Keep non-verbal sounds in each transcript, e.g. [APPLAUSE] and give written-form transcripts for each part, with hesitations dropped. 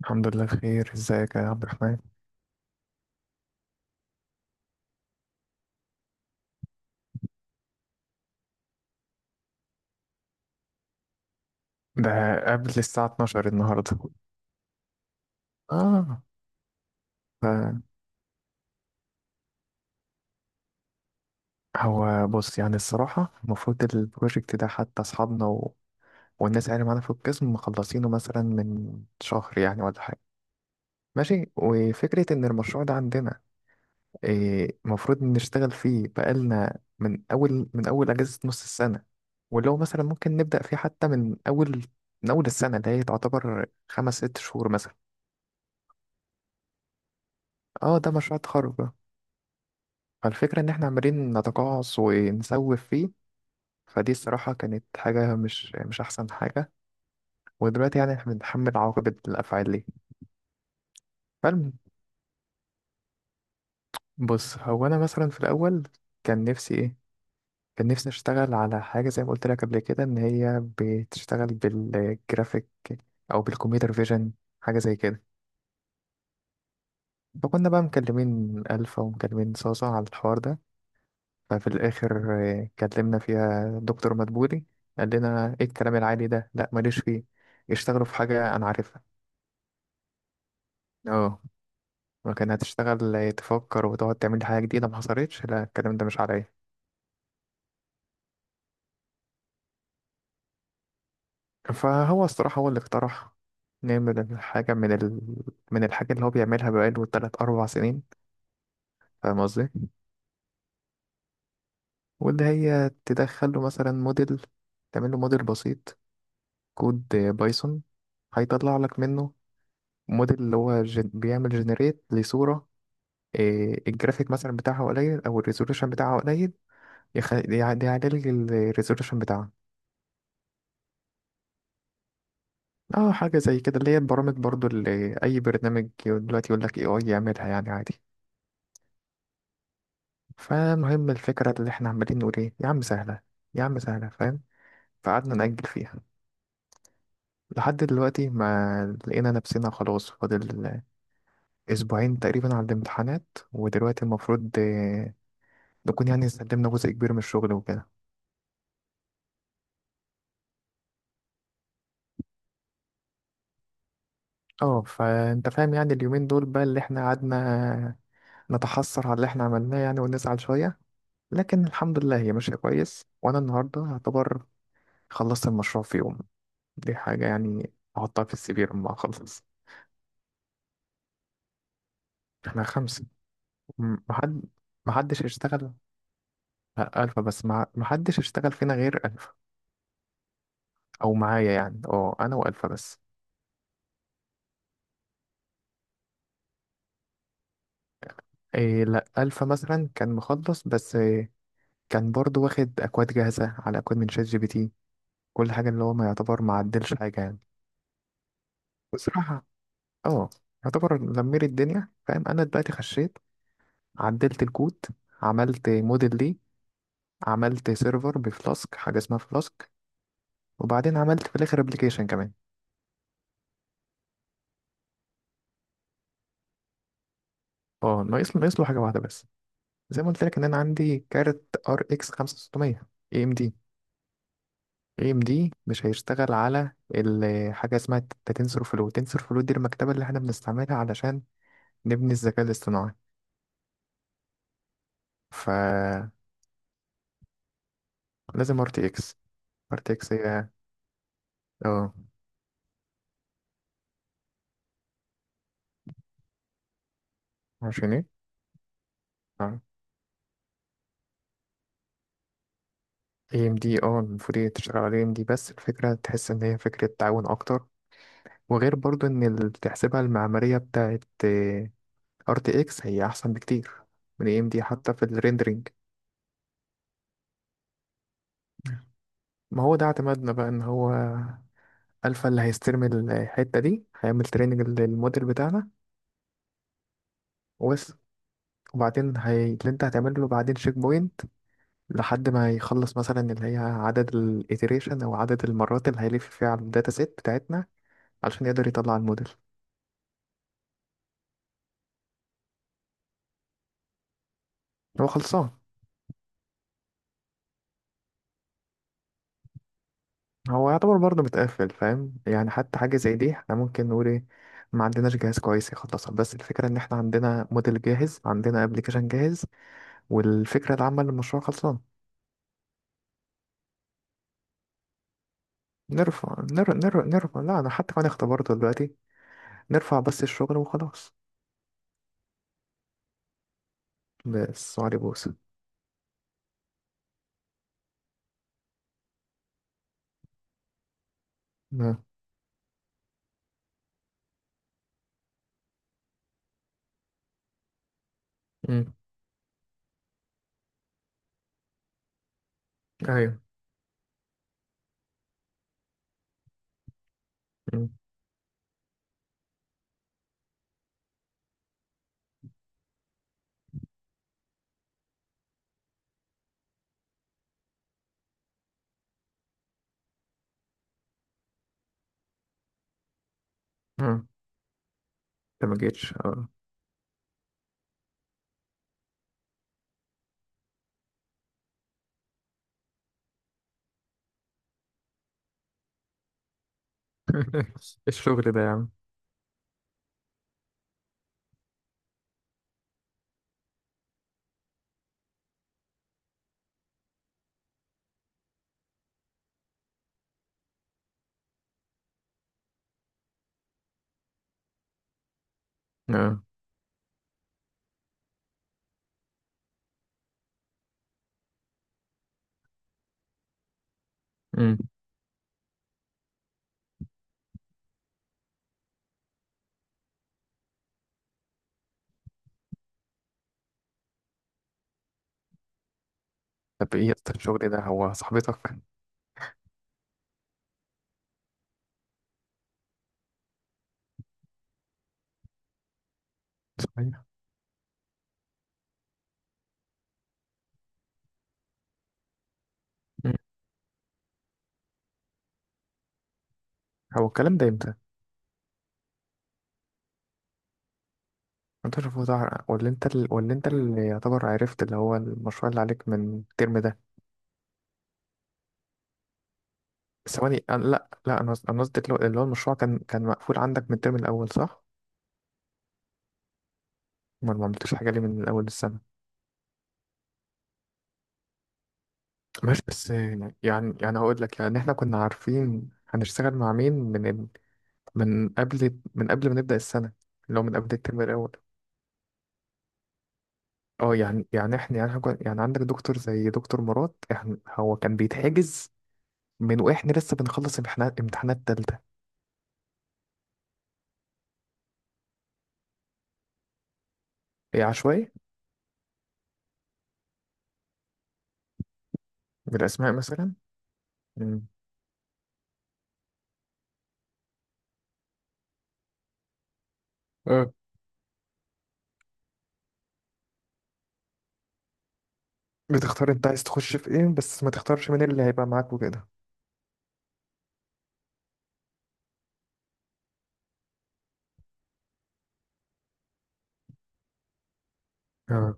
الحمد لله بخير. ازيك يا عبد الرحمن؟ ده قبل الساعة 12 النهاردة. اه. ف- هو بص، يعني الصراحة المفروض البروجكت ده حتى أصحابنا و... والناس اللي معانا في القسم مخلصينه مثلا من شهر يعني، ولا حاجة ماشي. وفكرة إن المشروع ده عندنا إيه، المفروض نشتغل فيه بقالنا من أول، أجازة نص السنة. ولو مثلا ممكن نبدأ فيه حتى من أول، السنة اللي هي تعتبر خمس ست شهور مثلا. اه، ده مشروع تخرج. فالفكرة إن إحنا عمالين نتقاعس ونسوف فيه، فدي الصراحة كانت حاجة مش أحسن حاجة، ودلوقتي يعني إحنا بنتحمل عواقب الأفعال دي. فالم بص، هو أنا مثلا في الأول كان نفسي إيه، كان نفسي أشتغل على حاجة زي ما قلت لك قبل كده، إن هي بتشتغل بالجرافيك أو بالكمبيوتر فيجن، حاجة زي كده. فكنا بقى مكلمين ألفا ومكلمين صاصة على الحوار ده. ففي الآخر آه، كلمنا فيها دكتور مدبولي، قال لنا ايه الكلام العالي ده؟ لا ماليش فيه، اشتغلوا في حاجة أنا عارفها. اه. لكن هتشتغل تفكر وتقعد تعمل لي حاجة جديدة ما حصلتش، لا الكلام ده مش عليا. فهو الصراحة هو اللي اقترح نعمل الحاجة من الحاجة اللي هو بيعملها بقاله تلات أربع سنين. فاهم قصدي؟ واللي هي تدخله مثلا موديل، تعمل له موديل بسيط، كود بايثون، هيطلع لك منه موديل اللي هو بيعمل جنريت لصورة إيه، الجرافيك مثلا بتاعها قليل او الريزولوشن بتاعها قليل، يعدل الريزولوشن بتاعها. اه، حاجه زي كده، اللي هي البرامج برضو، اللي اي برنامج دلوقتي يقول لك اي يعملها يعني عادي. فمهم الفكره اللي احنا عمالين نقول ايه، يا عم سهله، يا عم سهله، فاهم. فقعدنا نأجل فيها لحد دلوقتي ما لقينا نفسنا خلاص، فاضل اسبوعين تقريبا على الامتحانات ودلوقتي المفروض آه، نكون يعني سلمنا جزء كبير من الشغل وكده. اه، فانت فاهم يعني، اليومين دول بقى اللي احنا قعدنا نتحسر على اللي احنا عملناه يعني، ونزعل شوية. لكن الحمد لله هي ماشية كويس، وانا النهاردة يعتبر خلصت المشروع في يوم، دي حاجة يعني احطها في السي في لما اخلص. احنا خمسة. م- محد محدش اشتغل. لا، ألفا بس محدش اشتغل فينا غير ألفا، أو معايا يعني. اه، أنا وألفا بس. إيه لا، ألفا مثلا كان مخلص، بس إيه، كان برضو واخد أكواد جاهزة، على أكواد من شات جي بي تي، كل حاجة، اللي هو ما يعتبر ما عدلش حاجة يعني. بصراحة اه، يعتبر لمير الدنيا. فاهم انا دلوقتي خشيت، عدلت الكود، عملت موديل ليه، عملت سيرفر بفلاسك، حاجة اسمها فلاسك، وبعدين عملت في الاخر ابلكيشن كمان. اه، ناقص له حاجة واحدة بس. زي ما قلت لك ان انا عندي كارت ار اكس 5600 اي ام دي. اي ام دي مش هيشتغل على حاجة اسمها تنسور فلو. تنسور فلو دي المكتبة اللي احنا بنستعملها علشان نبني الذكاء الاصطناعي. فلازم ار تي اكس. ارتكس ايه، اه. عشان ايه؟ اه. اي ام دي، اه المفروض هي تشتغل على اي ام دي، بس الفكرة تحس ان هي فكرة تعاون اكتر. وغير برضو ان اللي تحسبها، المعمارية بتاعت ار تي اكس هي احسن بكتير من اي ام دي حتى في الريندرينج. ما هو ده اعتمادنا بقى، ان هو الفا اللي هيستلم الحتة دي، هيعمل تريننج للموديل بتاعنا. وبس. وبعدين اللي انت هتعمل له بعدين تشيك بوينت، لحد ما يخلص مثلا اللي هي عدد الايتريشن، او عدد المرات اللي هيلف فيها على الداتا سيت بتاعتنا، علشان يقدر يطلع الموديل. هو خلصان. هو يعتبر برضه متقفل، فاهم يعني، حتى حاجة زي دي احنا ممكن نقول ايه ما عندناش جهاز كويس يخلصها. بس الفكرة ان احنا عندنا موديل جاهز، عندنا ابلكيشن جاهز، والفكرة العامة للمشروع خلصان. نرفع، نرفع، نرفع، نرفع. لا انا حتى كمان اختبرته دلوقتي، نرفع بس الشغل وخلاص. بس وعلي بوس. ما- مم. ايوه. مم. مم. انت ما جيتش؟ اه. [LAUGHS] الشغل ده يا عم. اه. مم. طب ايه يا اسطى، الشغل ده هو صاحبتك؟ صحيح. هو الكلام ده امتى؟ انت شوف ده، ولا انت ولا انت اللي يعتبر عرفت اللي هو المشروع اللي عليك من الترم ده؟ ثواني. لا، لا، انا قصدي اللي هو، اللي هو المشروع، كان مقفول عندك من الترم الاول صح؟ ما عملتوش حاجة ليه من اول السنة؟ ماشي، بس يعني، يعني هقول لك يعني احنا كنا عارفين هنشتغل مع مين من قبل، ما نبدأ السنة، اللي هو من قبل الترم الاول. اه، يعني إحنا يعني عندك دكتور زي دكتور مراد، احنا هو كان بيتحجز من واحنا لسه بنخلص امتحانات، تالتة. هي عشوائي؟ بالأسماء مثلا؟ مم. اه. بتختار أنت عايز تخش في إيه، بس ما تختارش مين اللي هيبقى معاك وكده. اه.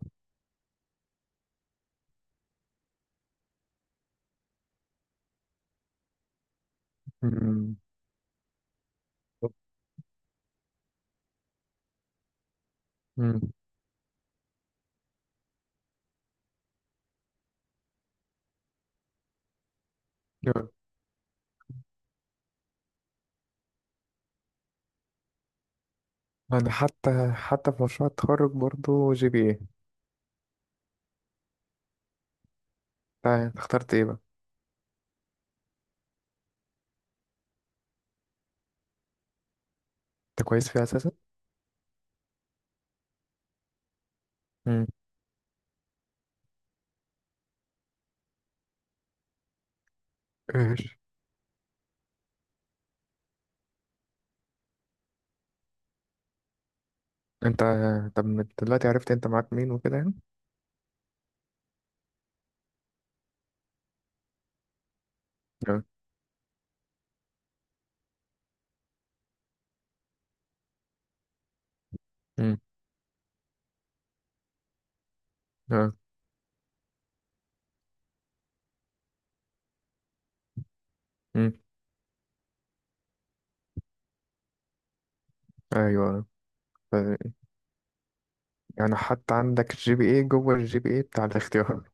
مم. مم. اه، أنا حتى في مشروع التخرج برضو جي بي إيه. أنت اخترت إيه بقى؟ أنت كويس فيها أساسا؟ مم. ايش. أنت طب من دلوقتي عرفت أنت معاك مين وكده يعني؟ اه. مم. اه. مم. أيوه. ف- يعني حتى عندك جي بي إيه جوه الجي بي إيه بتاع الاختيار.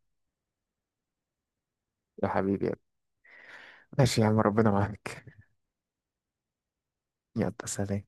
يا حبيبي يلا. ماشي يا عم ربنا معاك. يلا سلام.